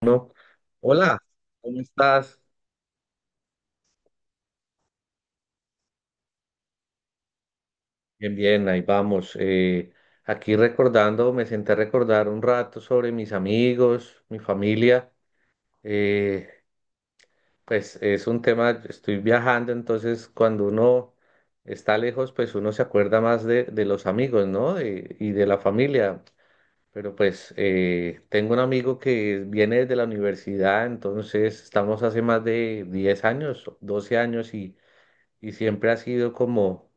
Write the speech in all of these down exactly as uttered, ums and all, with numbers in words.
No. Hola, ¿cómo estás? Bien, bien, ahí vamos. Eh, aquí recordando, me senté a recordar un rato sobre mis amigos, mi familia. Eh, pues es un tema, estoy viajando, entonces cuando uno está lejos, pues uno se acuerda más de, de los amigos, ¿no? Eh, y de la familia. Pero pues eh, tengo un amigo que viene desde la universidad, entonces estamos hace más de diez años, doce años y, y siempre ha sido como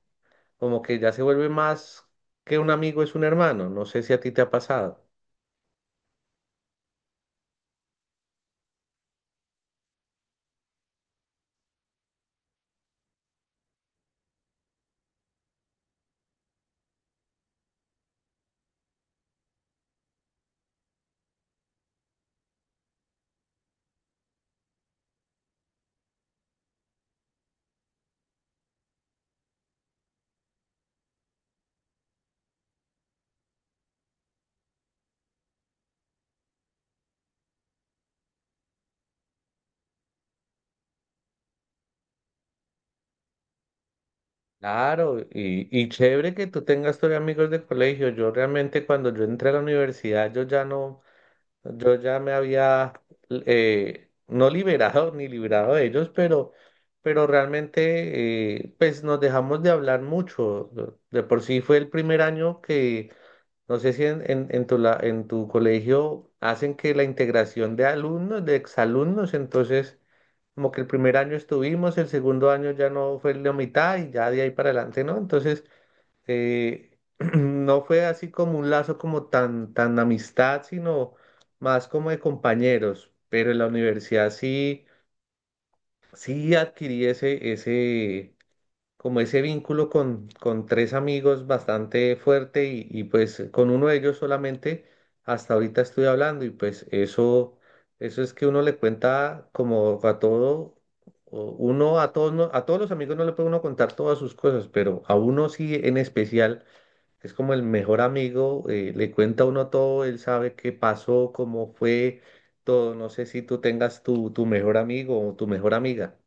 como que ya se vuelve más que un amigo, es un hermano. No sé si a ti te ha pasado. Claro, y, y chévere que tú tengas todavía amigos de colegio. Yo realmente cuando yo entré a la universidad, yo ya no, yo ya me había eh, no liberado ni librado de ellos, pero, pero realmente eh, pues nos dejamos de hablar mucho. De por sí fue el primer año que, no sé si en, en, en tu, la- en tu colegio hacen que la integración de alumnos, de exalumnos, entonces... Como que el primer año estuvimos, el segundo año ya no fue la mitad y ya de ahí para adelante, ¿no? Entonces, eh, no fue así como un lazo como tan, tan amistad, sino más como de compañeros. Pero en la universidad sí, sí adquirí ese, ese, como ese vínculo con, con tres amigos bastante fuerte y, y pues con uno de ellos solamente hasta ahorita estoy hablando y pues eso eso es que uno le cuenta como a todo, o uno a todos, no- a todos los amigos no le puede uno contar todas sus cosas, pero a uno sí en especial, es como el mejor amigo, eh, le cuenta a uno todo, él sabe qué pasó, cómo fue todo, no sé si tú tengas tu tu mejor amigo o tu mejor amiga.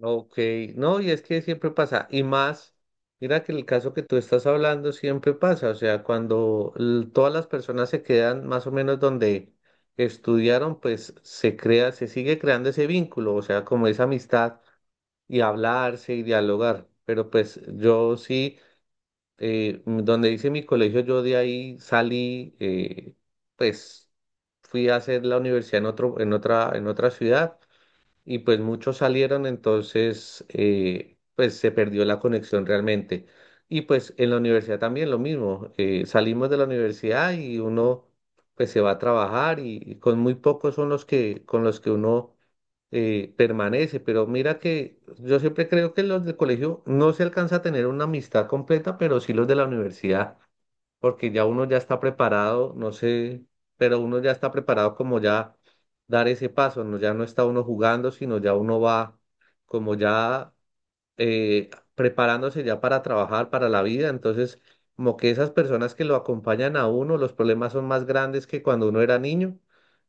Ok, no, y es que siempre pasa, y más, mira que el caso que tú estás hablando siempre pasa, o sea, cuando l- todas las personas se quedan más o menos donde estudiaron, pues se crea, se sigue creando ese vínculo, o sea, como esa amistad y hablarse y dialogar, pero pues yo sí, eh, m- donde hice mi colegio, yo de ahí salí, eh, pues fui a hacer la universidad en otro, en otra, en otra ciudad y pues muchos salieron, entonces eh, pues se perdió la conexión realmente. Y pues en la universidad también lo mismo, eh, salimos de la universidad y uno pues se va a trabajar y, y con muy pocos son los que con los que uno eh, permanece, pero mira que yo siempre creo que los del colegio no se alcanza a tener una amistad completa, pero sí los de la universidad porque ya uno ya está preparado, no sé, pero uno ya está preparado como ya dar ese paso, no, ya no está uno jugando, sino ya uno va como ya eh, preparándose ya para trabajar, para la vida. Entonces, como que esas personas que lo acompañan a uno, los problemas son más grandes que cuando uno era niño.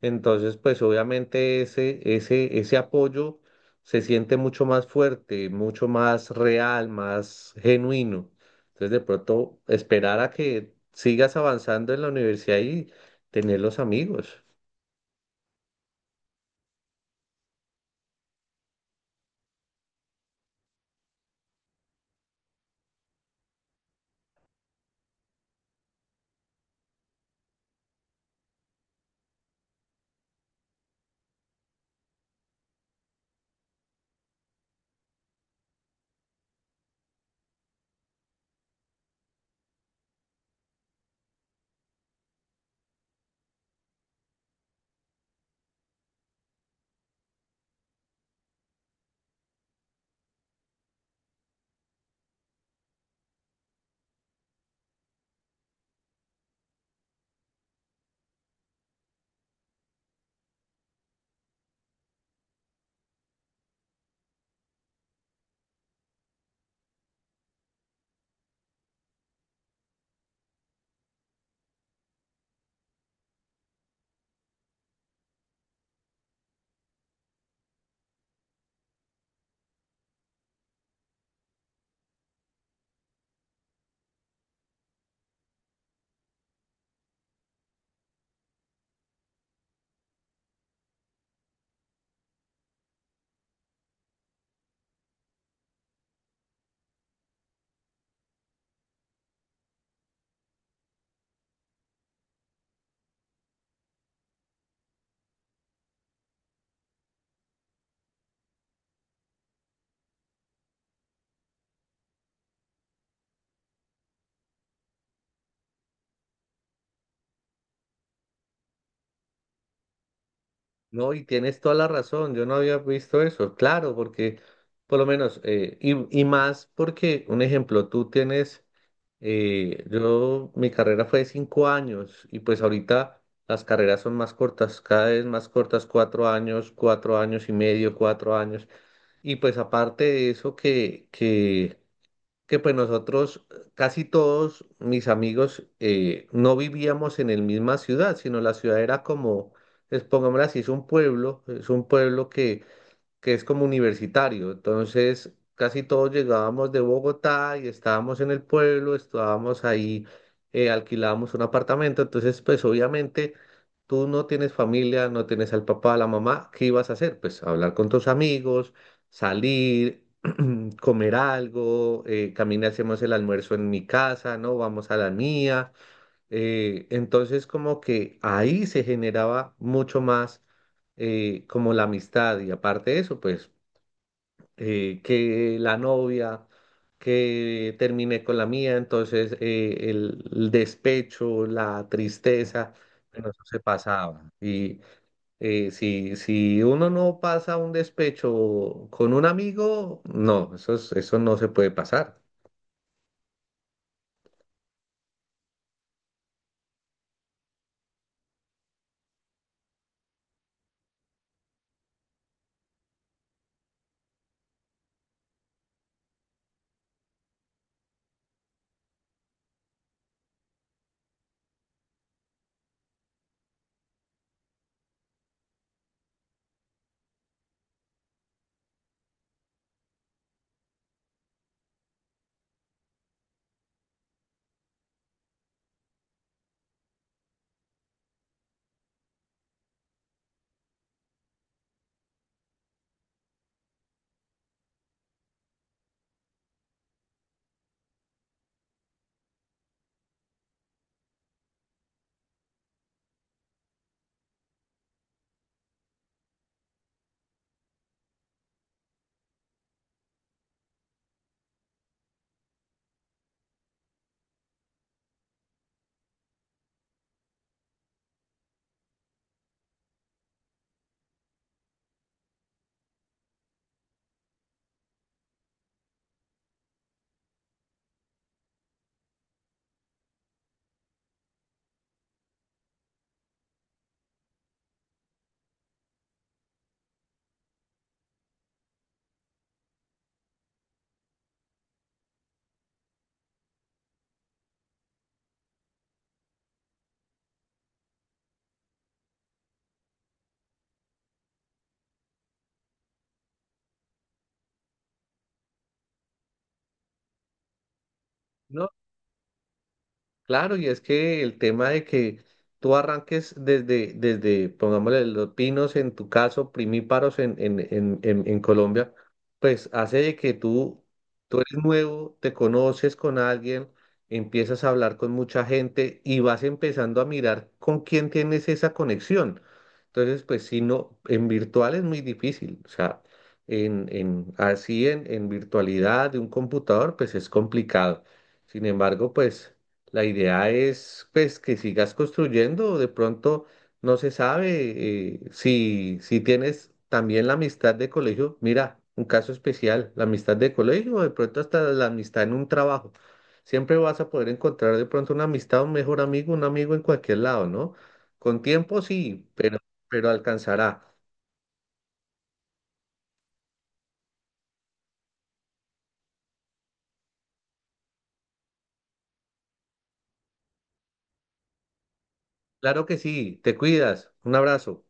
Entonces, pues obviamente ese, ese, ese apoyo se siente mucho más fuerte, mucho más real, más genuino. Entonces, de pronto, esperar a que sigas avanzando en la universidad y tener los amigos. No, y tienes toda la razón, yo no había visto eso, claro, porque por lo menos, eh, y, y más porque, un ejemplo, tú tienes, eh, yo, mi carrera fue de cinco años y pues ahorita las carreras son más cortas, cada vez más cortas, cuatro años, cuatro años y medio, cuatro años, y pues aparte de eso que, que que pues nosotros, casi todos mis amigos, eh, no vivíamos en la misma ciudad, sino la ciudad era como, pues, pongámoslo así, es un pueblo, es un pueblo que, que es como universitario. Entonces, casi todos llegábamos de Bogotá y estábamos en el pueblo, estábamos ahí, eh, alquilábamos un apartamento. Entonces, pues obviamente... Tú no tienes familia, no tienes al papá, a la mamá, ¿qué ibas a hacer? Pues hablar con tus amigos, salir, comer algo, eh, camina, hacemos el almuerzo en mi casa, ¿no? Vamos a la mía. Eh, entonces como que ahí se generaba mucho más eh, como la amistad y aparte de eso, pues eh, que la novia, que terminé con la mía, entonces eh, el, el despecho, la tristeza, bueno, eso se pasaba. Y eh, si, si uno no pasa un despecho con un amigo, no, eso es- eso no se puede pasar. No, claro, y es que el tema de que tú arranques desde, desde, pongámosle, los pinos en tu caso, primíparos en, en, en, en, en Colombia, pues hace de que tú, tú eres nuevo, te conoces con alguien, empiezas a hablar con mucha gente y vas empezando a mirar con quién tienes esa conexión. Entonces, pues si no, en virtual es muy difícil, o sea, en, en, así en, en virtualidad de un computador, pues es complicado. Sin embargo, pues... La idea es pues que sigas construyendo, de pronto no se sabe eh, si, si tienes también la amistad de colegio, mira, un caso especial, la amistad de colegio o de pronto hasta la amistad en un trabajo. Siempre vas a poder encontrar de pronto una amistad, un mejor amigo, un amigo en cualquier lado, ¿no? Con tiempo sí, pero, pero, alcanzará. Claro que sí, te cuidas, un abrazo.